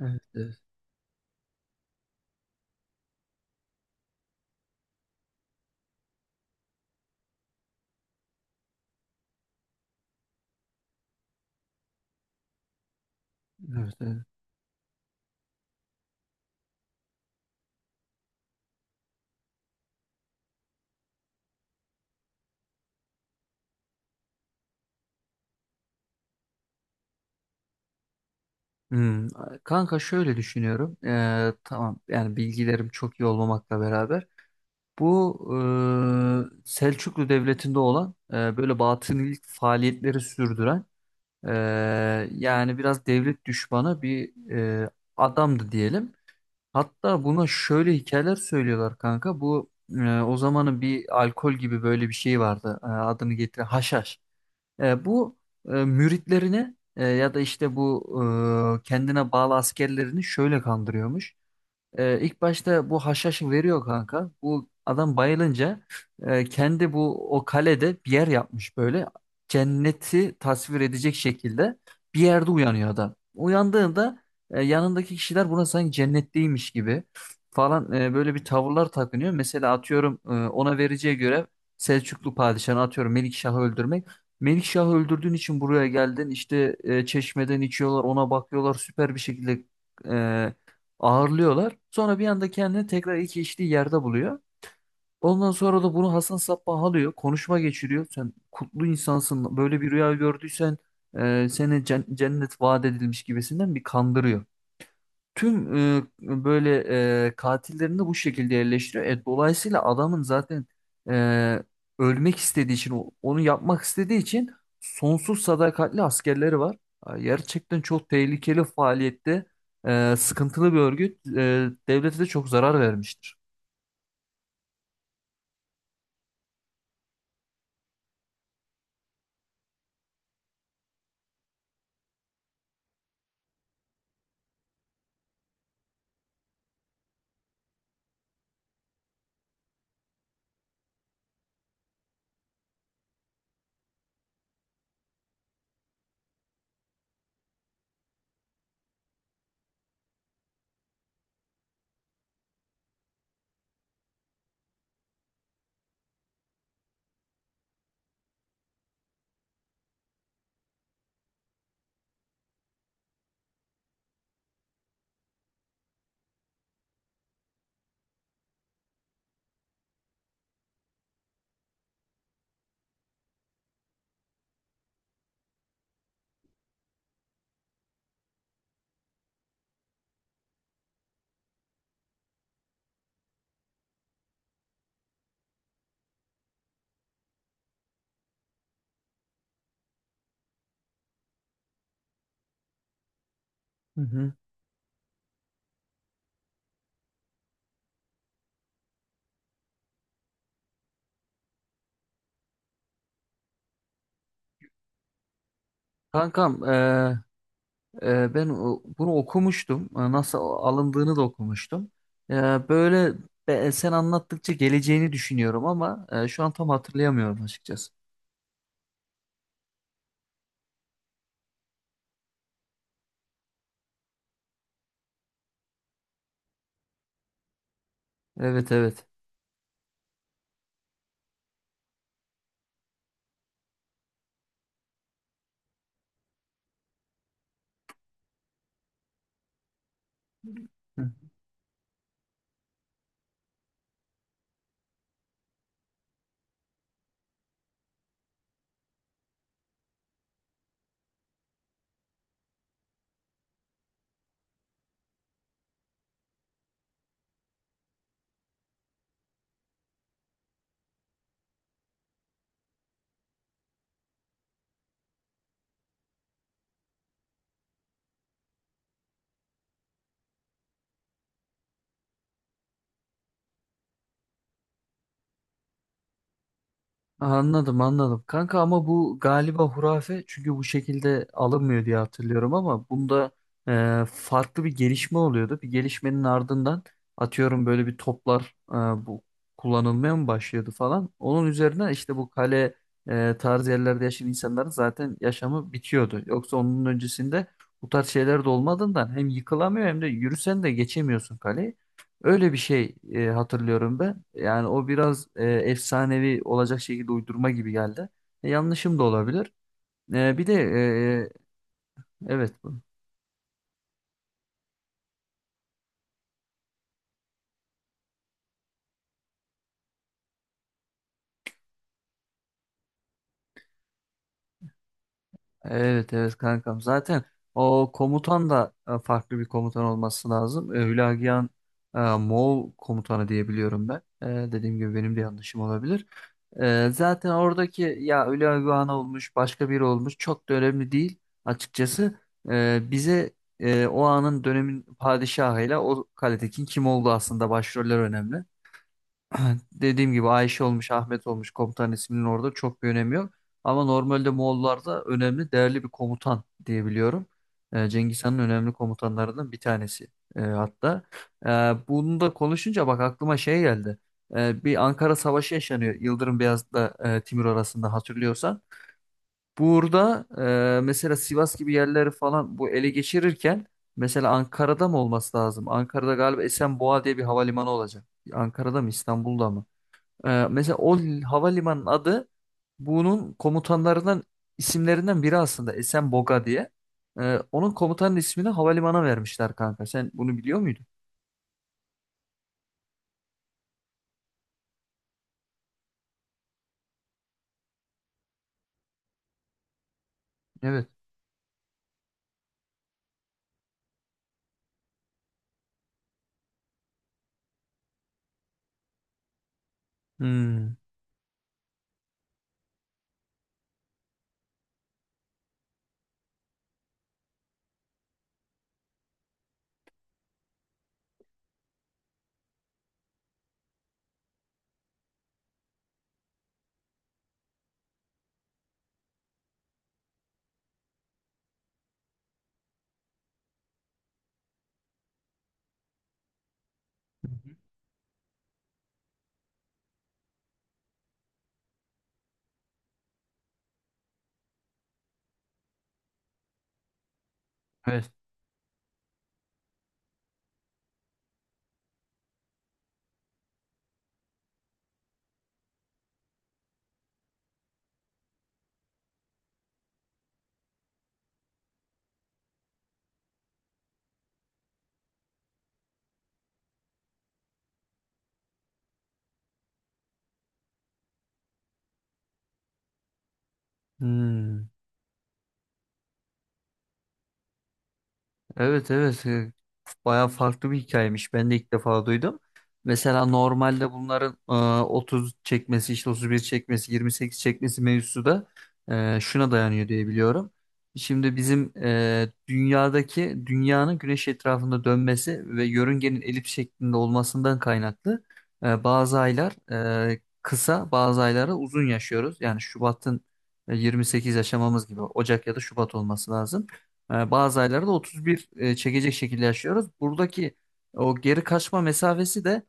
Evet, evet, evet, evet. Hmm, Kanka şöyle düşünüyorum. Tamam, yani bilgilerim çok iyi olmamakla beraber bu Selçuklu Devleti'nde olan böyle batınilik faaliyetleri sürdüren, e, yani biraz devlet düşmanı bir adamdı diyelim. Hatta buna şöyle hikayeler söylüyorlar, kanka. Bu o zamanın bir alkol gibi böyle bir şey vardı. E, adını getir, haşhaş. E, bu Müritlerini, ya da işte bu kendine bağlı askerlerini şöyle kandırıyormuş. İlk başta bu haşhaşı veriyor, kanka. Bu adam bayılınca kendi bu o kalede bir yer yapmış böyle. Cenneti tasvir edecek şekilde bir yerde uyanıyor adam. Uyandığında yanındaki kişiler buna sanki cennetteymiş gibi falan, böyle bir tavırlar takınıyor. Mesela atıyorum, ona vereceği görev Selçuklu padişahını, atıyorum, Melikşah'ı öldürmek. Melikşah'ı öldürdüğün için buraya geldin işte, çeşmeden içiyorlar, ona bakıyorlar, süper bir şekilde e, ağırlıyorlar. Sonra bir anda kendini tekrar ilk içtiği yerde buluyor. Ondan sonra da bunu Hasan Sabbah alıyor. Konuşma geçiriyor. Sen kutlu insansın. Böyle bir rüya gördüysen seni cennet vaat edilmiş gibisinden bir kandırıyor. Tüm böyle katillerini de bu şekilde yerleştiriyor. E, dolayısıyla adamın zaten e, ölmek istediği için, onu yapmak istediği için sonsuz sadakatli askerleri var. Ha, gerçekten çok tehlikeli faaliyette, sıkıntılı bir örgüt. E, devlete de çok zarar vermiştir. Hı hı. Kankam, ben bunu okumuştum. Nasıl alındığını da okumuştum. Ee, böyle Sen anlattıkça geleceğini düşünüyorum, ama şu an tam hatırlayamıyorum açıkçası. Evet, evet. Anladım, anladım. Kanka, ama bu galiba hurafe, çünkü bu şekilde alınmıyor diye hatırlıyorum, ama bunda farklı bir gelişme oluyordu. Bir gelişmenin ardından, atıyorum, böyle bir toplar bu kullanılmaya mı başlıyordu falan. Onun üzerine işte bu kale tarzı yerlerde yaşayan insanların zaten yaşamı bitiyordu. Yoksa onun öncesinde bu tarz şeyler de olmadığından hem yıkılamıyor hem de yürüsen de geçemiyorsun kaleyi. Öyle bir şey hatırlıyorum ben. Yani o biraz efsanevi olacak şekilde uydurma gibi geldi. E, yanlışım da olabilir. E, bir de e, evet, bu. Evet, evet, kankam. Zaten o komutan da farklı bir komutan olması lazım. E, Hülagiya'nın Moğol komutanı diye biliyorum ben. E, dediğim gibi, benim de yanlışım olabilir. Zaten oradaki ya Uli Öguana olmuş, başka biri olmuş, çok da önemli değil açıkçası. Bize o anın dönemin padişahıyla o kaledekin kim olduğu aslında, başroller önemli. Dediğim gibi, Ayşe olmuş, Ahmet olmuş, komutan isminin orada çok bir önemi yok. Ama normalde Moğollarda önemli, değerli bir komutan diyebiliyorum. Cengiz Han'ın önemli komutanlarından bir tanesi, hatta. Ee, Bunu da konuşunca bak aklıma şey geldi. Bir Ankara Savaşı yaşanıyor, Yıldırım Beyazıt'la Timur arasında, hatırlıyorsan. Burada mesela Sivas gibi yerleri falan bu ele geçirirken, mesela Ankara'da mı olması lazım? Ankara'da galiba Esenboğa diye bir havalimanı olacak. Ankara'da mı, İstanbul'da mı? Mesela havalimanının adı, bunun komutanlarından isimlerinden biri aslında Esenboga diye. Onun komutanın ismini havalimanına vermişler, kanka. Sen bunu biliyor muydun? Evet. Hmm. Evet. Hmm. Evet, evet, bayağı farklı bir hikayemiş. Ben de ilk defa duydum. Mesela normalde bunların 30 çekmesi, işte 31 çekmesi, 28 çekmesi mevzusu da şuna dayanıyor diye biliyorum. Şimdi bizim dünyadaki dünyanın güneş etrafında dönmesi ve yörüngenin elip şeklinde olmasından kaynaklı bazı aylar kısa, bazı ayları uzun yaşıyoruz. Yani Şubat'ın 28 yaşamamız gibi Ocak ya da Şubat olması lazım. E, bazı aylarda 31 çekecek şekilde yaşıyoruz. Buradaki o geri kaçma mesafesi de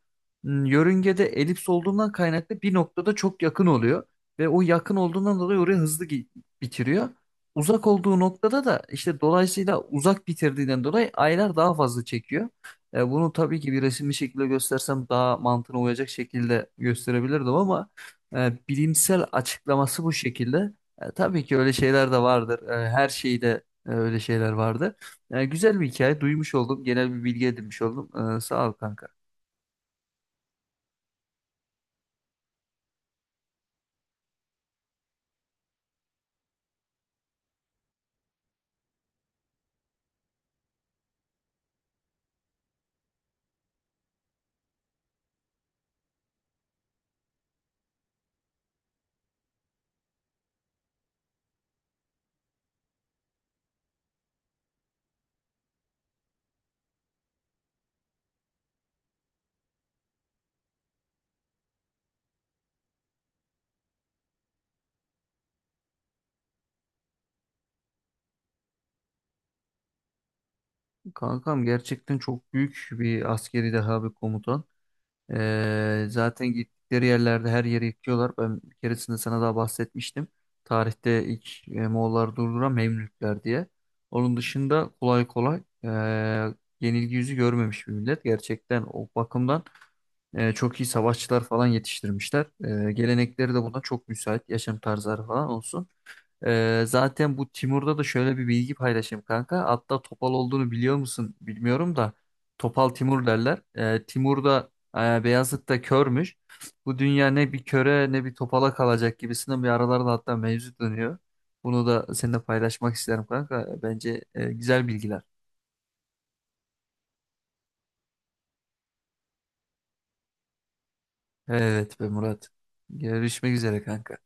yörüngede elips olduğundan kaynaklı bir noktada çok yakın oluyor. Ve o yakın olduğundan dolayı oraya hızlı bitiriyor. Uzak olduğu noktada da işte, dolayısıyla uzak bitirdiğinden dolayı, aylar daha fazla çekiyor. E, bunu tabii ki bir resimli şekilde göstersem daha mantığına uyacak şekilde gösterebilirdim, ama bilimsel açıklaması bu şekilde. E, tabii ki öyle şeyler de vardır. E, her şeyi de e, Öyle şeyler vardı. Yani güzel bir hikaye duymuş oldum. Genel bir bilgi edinmiş oldum. E, sağ ol, kanka. Kankam, gerçekten çok büyük bir askeri deha, bir komutan. E, zaten gittikleri yerlerde her yeri yıkıyorlar. Ben bir keresinde sana daha bahsetmiştim. Tarihte ilk Moğolları durduran Memlükler diye. Onun dışında kolay kolay yenilgi yüzü görmemiş bir millet. Gerçekten o bakımdan çok iyi savaşçılar falan yetiştirmişler. E, gelenekleri de buna çok müsait. Yaşam tarzları falan olsun. Zaten bu Timur'da da şöyle bir bilgi paylaşayım, kanka. Hatta Topal olduğunu biliyor musun bilmiyorum da, Topal Timur derler. Timur da Beyazıt'ta körmüş. Bu dünya ne bir köre ne bir topala kalacak gibisinden bir aralarda hatta mevzu dönüyor. Bunu da seninle paylaşmak isterim, kanka. Bence güzel bilgiler. Evet be Murat. Görüşmek üzere, kanka.